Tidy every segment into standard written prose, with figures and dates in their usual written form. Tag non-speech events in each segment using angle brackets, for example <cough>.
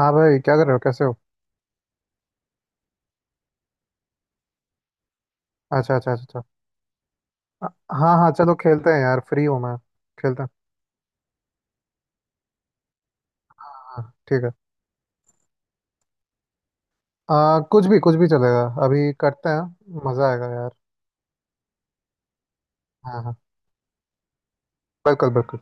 हाँ भाई, क्या कर रहे हो? कैसे हो? अच्छा, अच्छा, अच्छा, अच्छा। हाँ, हाँ, चलो खेलते हैं यार, फ्री हूँ मैं। खेलते हैं। हाँ, ठीक है। कुछ भी चलेगा, अभी करते हैं, मज़ा आएगा यार। हाँ, हाँ, बिल्कुल, बिल्कुल।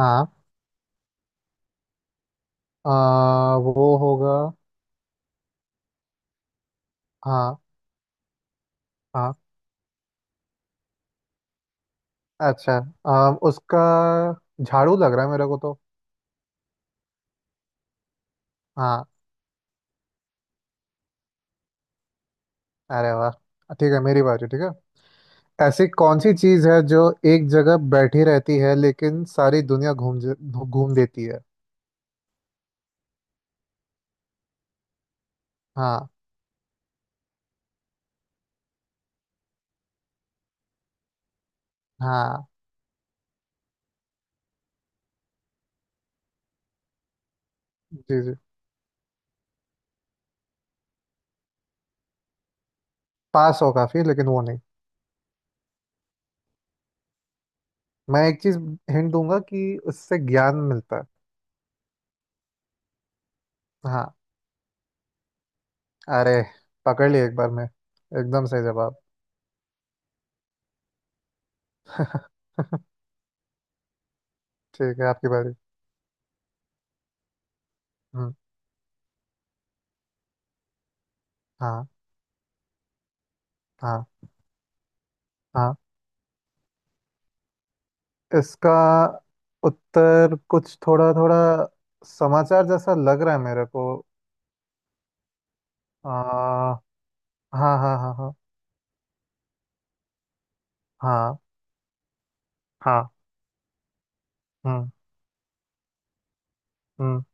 हाँ। वो होगा। हाँ। हाँ। अच्छा। उसका झाड़ू लग रहा है मेरे को तो। हाँ। अरे वाह! ठीक है, मेरी बारी, ठीक है। ऐसी कौन सी चीज़ है जो एक जगह बैठी रहती है लेकिन सारी दुनिया घूम घूम देती है? हाँ, हाँ। जी, जी। पास हो काफी, लेकिन वो नहीं। मैं एक चीज हिंट दूंगा कि उससे ज्ञान मिलता है। हाँ। अरे, पकड़ लिया एक बार में एकदम सही जवाब। <laughs> ठीक है, आपकी बारी। हम्म। हाँ, हाँ, हाँ। इसका उत्तर कुछ थोड़ा थोड़ा समाचार जैसा लग रहा है मेरे को। हाँ, हाँ, हाँ। हाँ, हाँ, हाँ। हम्म। हम्म।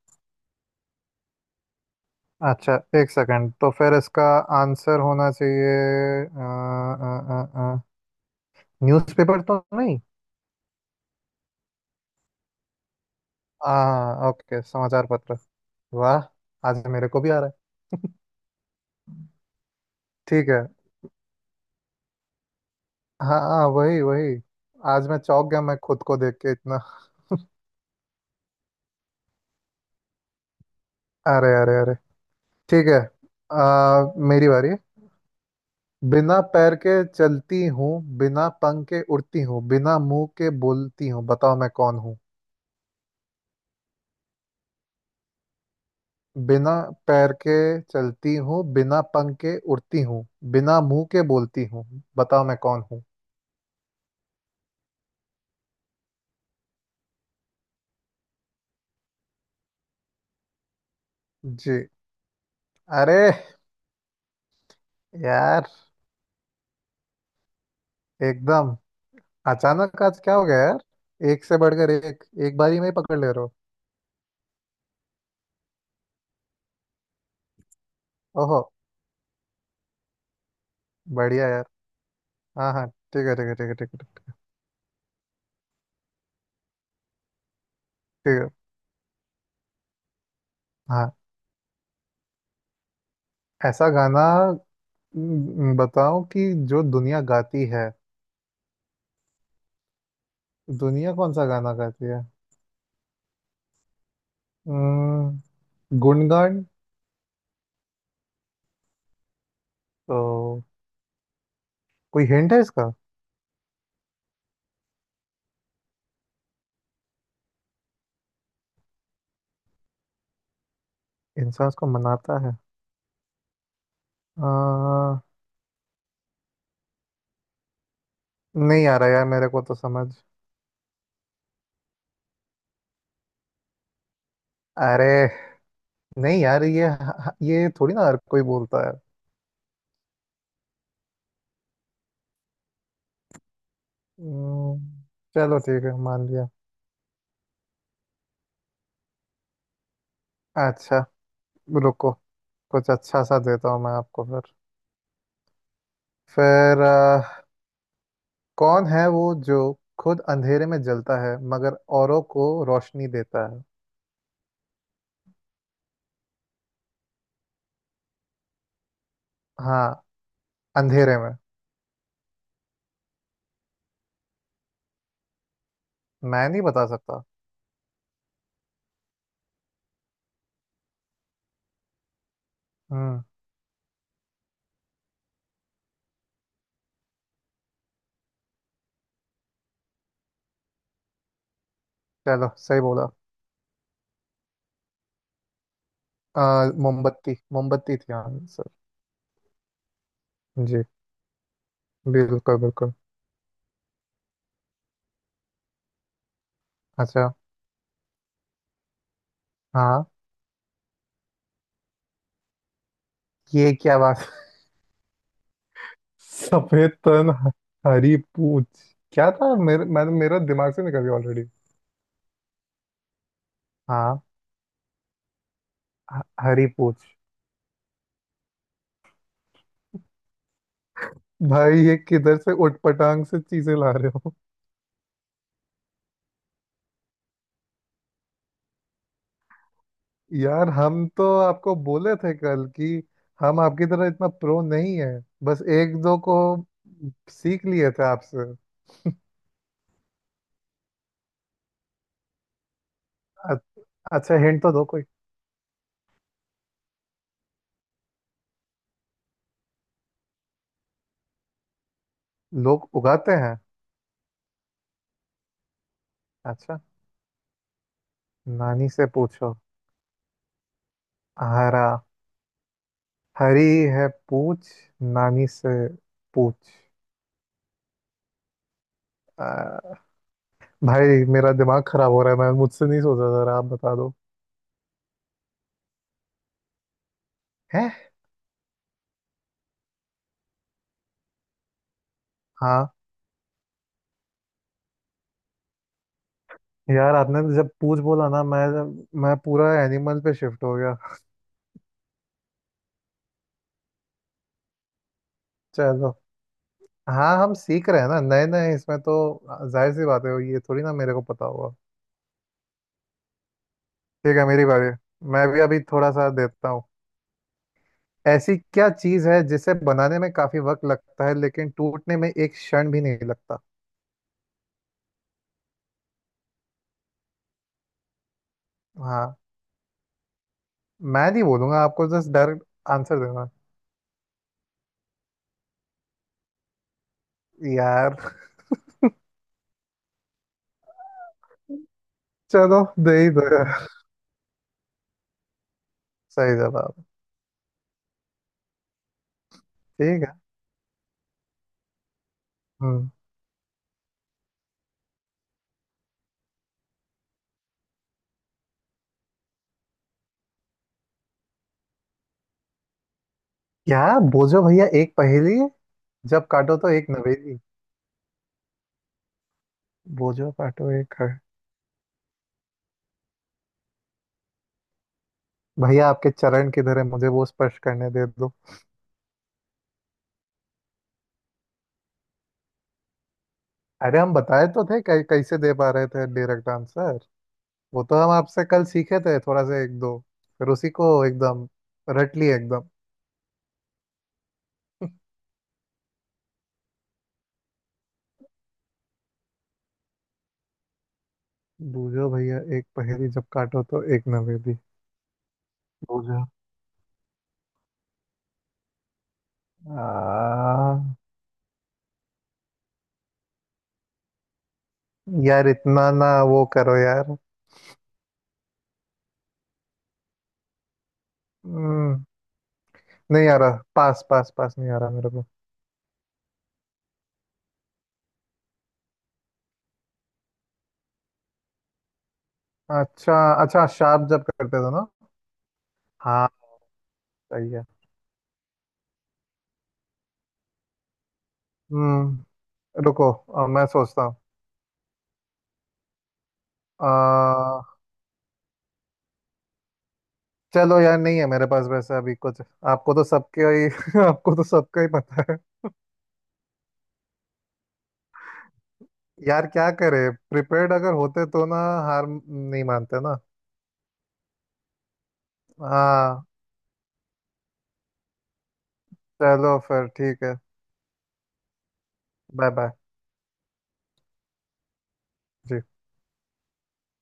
अच्छा। एक सेकंड, तो फिर इसका आंसर होना चाहिए, न्यूज़पेपर तो नहीं? हाँ, ओके, समाचार पत्र। वाह! आज मेरे को भी आ रहा है। ठीक है। हाँ, हाँ, वही वही। आज मैं चौंक गया, मैं खुद को देख के इतना। अरे, अरे, अरे! ठीक है। मेरी बारी है। बिना पैर के चलती हूँ, बिना पंख के उड़ती हूँ, बिना मुंह के बोलती हूँ, बताओ मैं कौन हूँ? बिना पैर के चलती हूँ, बिना पंख के उड़ती हूँ, बिना मुंह के बोलती हूँ, बताओ मैं कौन हूँ? जी। अरे यार! एकदम अचानक आज क्या हो गया यार! एक से बढ़कर एक, एक बारी में ही पकड़ ले रहे हो। ओहो। बढ़िया यार। हाँ, हाँ। ठीक है, ठीक है, ठीक है, ठीक है, ठीक है, ठीक है। हाँ। ऐसा गाना। बताओ कि जो दुनिया गाती है, दुनिया कौन सा गाना गाती है? हम्म, गुणगान। तो कोई हिंट है इसका? इंसान उसको मनाता है। आ, नहीं आ रहा यार मेरे को तो समझ। अरे! नहीं यार, ये थोड़ी ना हर कोई बोलता है। हम्म, चलो ठीक है, मान लिया। अच्छा। रुको, कुछ अच्छा सा देता हूँ मैं आपको। फिर कौन है वो जो खुद अंधेरे में जलता है मगर औरों को रोशनी देता है? हाँ, अंधेरे में। मैं नहीं बता सकता। हम्म। चलो, सही बोला। अ, मोमबत्ती, मोमबत्ती थी आंसर। जी। बिल्कुल, बिल्कुल। अच्छा। हाँ। ये क्या बात! सफेद तन, हरी पूछ। क्या था, मेरे मैं मेरा दिमाग से निकल गया ऑलरेडी। हाँ। हरी पूछ। भाई ये किधर से उठपटांग से चीजें ला रहे हो? यार हम तो आपको बोले थे कल कि हम आपकी तरह इतना प्रो नहीं है। बस एक दो को सीख लिए थे आपसे। अ- अच्छा, हिंट तो दो कोई। लोग उगाते हैं। अच्छा। नानी से पूछो। हरा, हरी है पूछ, नानी से पूछ। अ, भाई मेरा दिमाग खराब हो रहा है, मैं मुझसे नहीं सोचा जरा, आप बता दो। हैं? हाँ। यार आपने जब पूछ बोला ना, मैं पूरा एनिमल पे शिफ्ट हो गया। चलो। हाँ, हम सीख रहे हैं ना नए नए इसमें तो। जाहिर सी बात है, ये थोड़ी ना मेरे को पता होगा। ठीक है, मेरी बारी। मैं भी अभी थोड़ा सा देता हूँ। ऐसी क्या चीज़ है जिसे बनाने में काफी वक्त लगता है लेकिन टूटने में एक क्षण भी नहीं लगता? हाँ। मैं नहीं बोलूंगा आपको, जस्ट डायरेक्ट आंसर देना। यार, चलो दे ही दो यार। सही जवाब। ठीक है। हम्म। क्या? बोझो भैया एक पहेली, जब काटो तो एक नवेदी? बोझो, काटो, एक है? भैया आपके चरण किधर है? मुझे वो स्पर्श करने दे दो। अरे, हम बताए तो थे कैसे दे पा रहे थे डायरेक्ट आंसर। वो तो हम आपसे कल सीखे थे थोड़ा सा, एक दो। फिर उसी को एकदम रट लिए एकदम। बूझो भैया एक पहेली, जब काटो तो एक नवेदी? बूझो। आ, यार इतना ना वो करो यार। हम्म, नहीं आ रहा, पास पास पास नहीं आ रहा मेरे को। अच्छा, अच्छा, शार्प जब करते थे ना। हाँ। सही है। हम्म। रुको, मैं सोचता हूँ। अ, चलो यार, नहीं है मेरे पास वैसे अभी कुछ। आपको तो सबके ही <laughs> आपको तो सबका ही पता है। यार क्या करे, प्रिपेयर्ड अगर होते तो ना, हार नहीं मानते ना। हाँ। चलो फिर, ठीक है। Bye, bye. जी।